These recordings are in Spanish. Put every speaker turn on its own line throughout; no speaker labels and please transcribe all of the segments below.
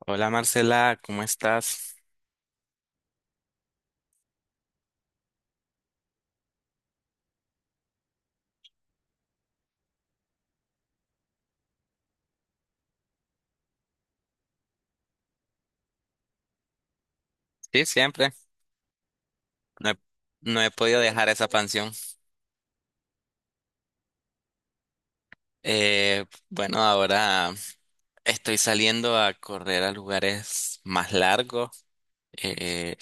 Hola Marcela, ¿cómo estás? Sí, siempre. No he, no he podido dejar esa pansión. Bueno, ahora estoy saliendo a correr a lugares más largos. Eh,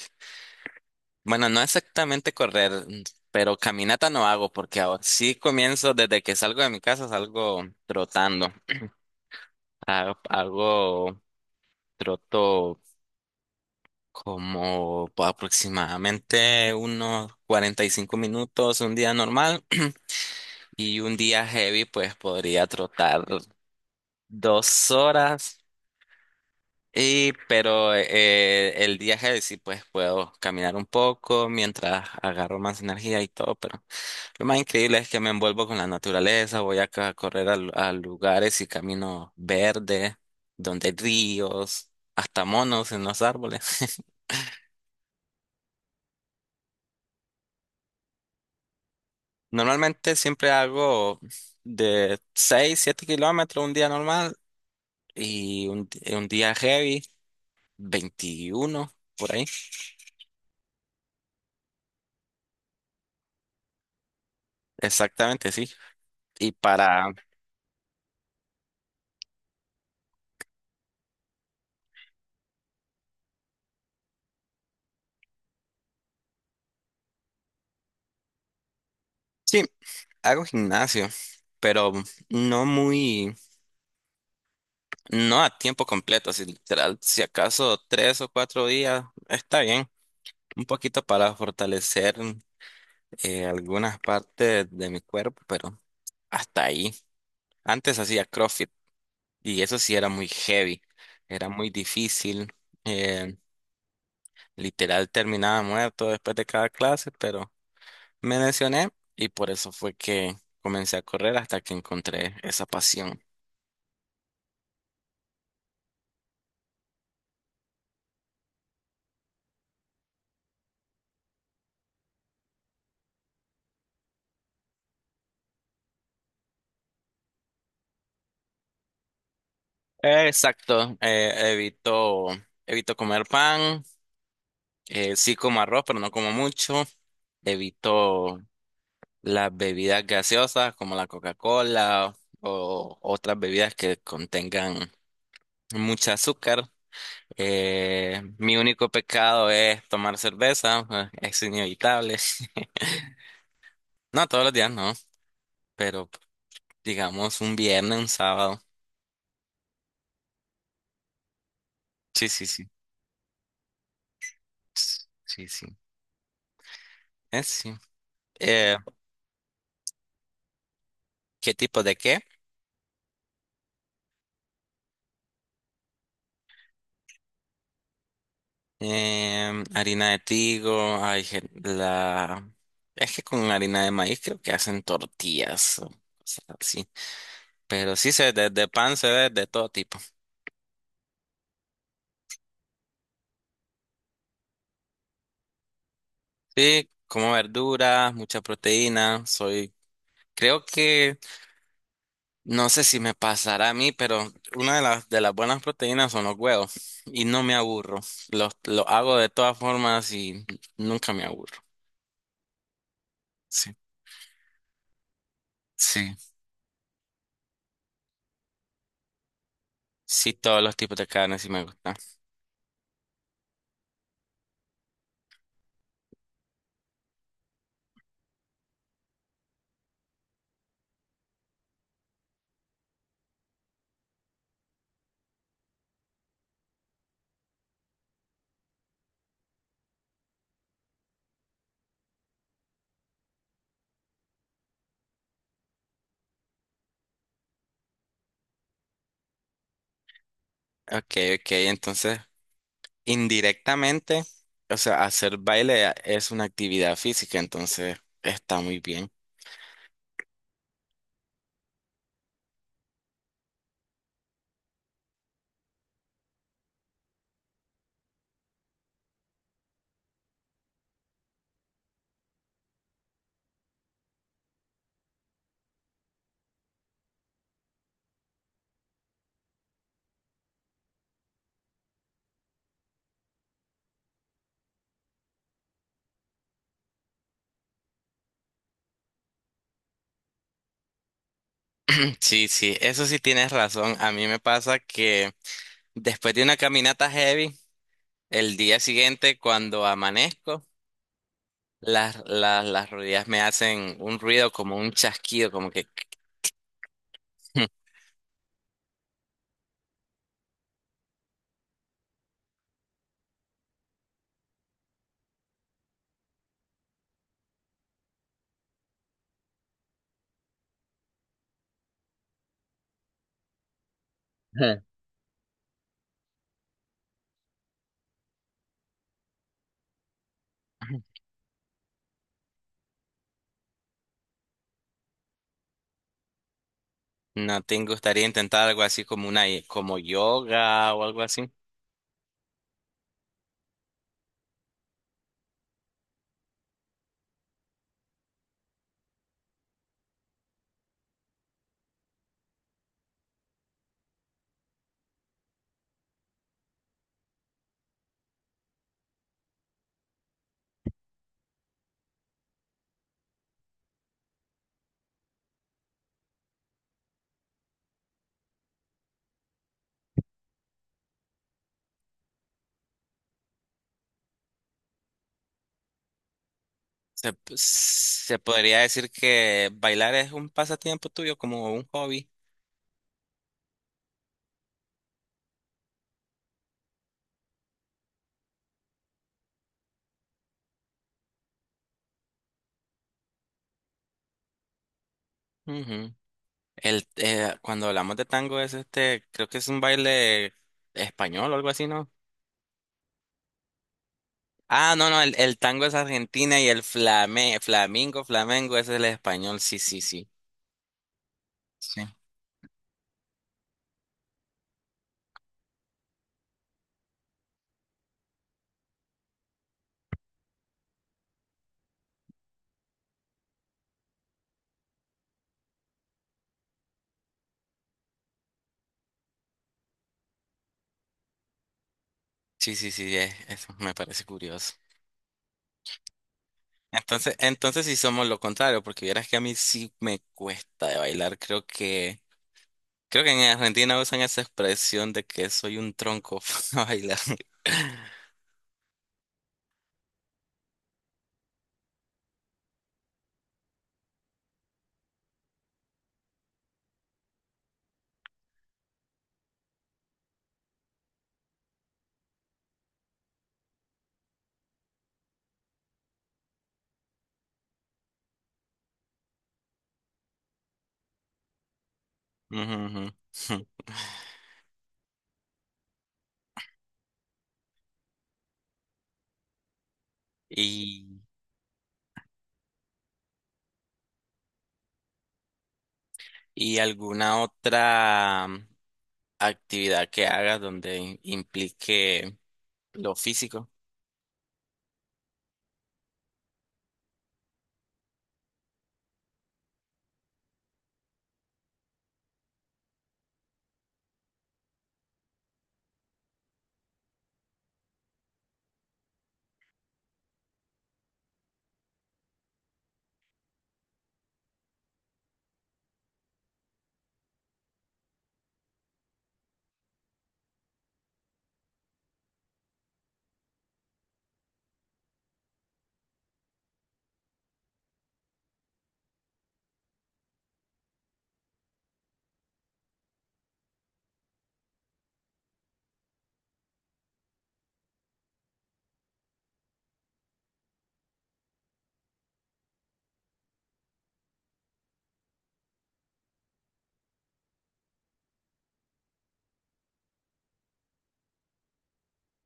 bueno, no exactamente correr, pero caminata no hago porque ahora sí comienzo desde que salgo de mi casa, salgo trotando. Hago troto como aproximadamente unos 45 minutos un día normal. Y un día heavy, pues podría trotar dos horas. Pero el día heavy sí, pues puedo caminar un poco mientras agarro más energía y todo. Pero lo más increíble es que me envuelvo con la naturaleza. Voy a, correr a, a lugares y camino verde, donde hay ríos, hasta monos en los árboles. Normalmente siempre hago de 6 7 kilómetros un día normal y un día heavy. 21 por ahí. Exactamente, sí. Y para, sí, hago gimnasio, pero no muy, no a tiempo completo, si literal, si acaso tres o cuatro días, está bien. Un poquito para fortalecer algunas partes de mi cuerpo, pero hasta ahí. Antes hacía CrossFit y eso sí era muy heavy, era muy difícil. eh, Literal terminaba muerto después de cada clase, pero me lesioné y por eso fue que comencé a correr hasta que encontré esa pasión. Exacto, evito comer pan, sí como arroz, pero no como mucho. Evito las bebidas gaseosas como la Coca-Cola o otras bebidas que contengan mucho azúcar. Mi único pecado es tomar cerveza, es inevitable. No todos los días, no, pero digamos un viernes, un sábado. Sí, sí, sí. Sí, sí. Es sí. Eh, ¿Qué tipo de qué? Harina de trigo, hay la... Es que con harina de maíz creo que hacen tortillas o cosas así. Pero sí, se, de pan se ve de todo tipo. Sí, como verduras, mucha proteína. Soy, creo que, no sé si me pasará a mí, pero una de las buenas proteínas son los huevos. Y no me aburro. Los hago de todas formas y nunca me aburro. Sí. Sí, sí, todos los tipos de carne sí me gustan. Ok, ok, entonces indirectamente, o sea, hacer baile es una actividad física, entonces está muy bien. Sí, sí, eso sí tienes razón. A mí me pasa que después de una caminata heavy, el día siguiente cuando amanezco, las rodillas me hacen un ruido como un chasquido, como que... Ujú. ¿No te gustaría intentar algo así como una, como yoga o algo así? Se podría decir que bailar es un pasatiempo tuyo, como un hobby. Ujú. Cuando hablamos de tango es este, creo que es un baile español o algo así, ¿no? Ah, no, no, el tango es Argentina y el flamengo es el español, sí, sí, sí. Sí, sí, sí, sí, eso me parece curioso. Entonces sí somos lo contrario, porque vieras que a mí sí me cuesta de bailar, creo que... Creo que en Argentina usan esa expresión de que soy un tronco para bailar. Ujú, ujú. Y, y alguna otra actividad que hagas donde implique lo físico.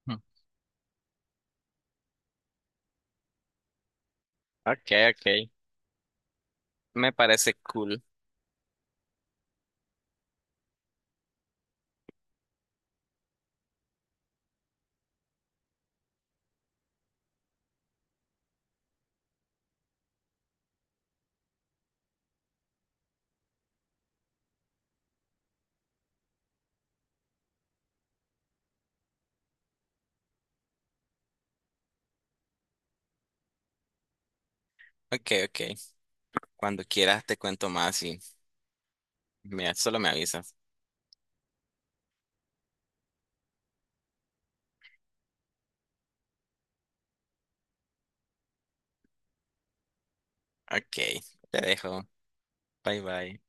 Mm. Okay, okay. Me parece cool. Okay, okay. Cuando quieras te cuento más y me, solo me avisas. Okay, te dejo. Bye bye.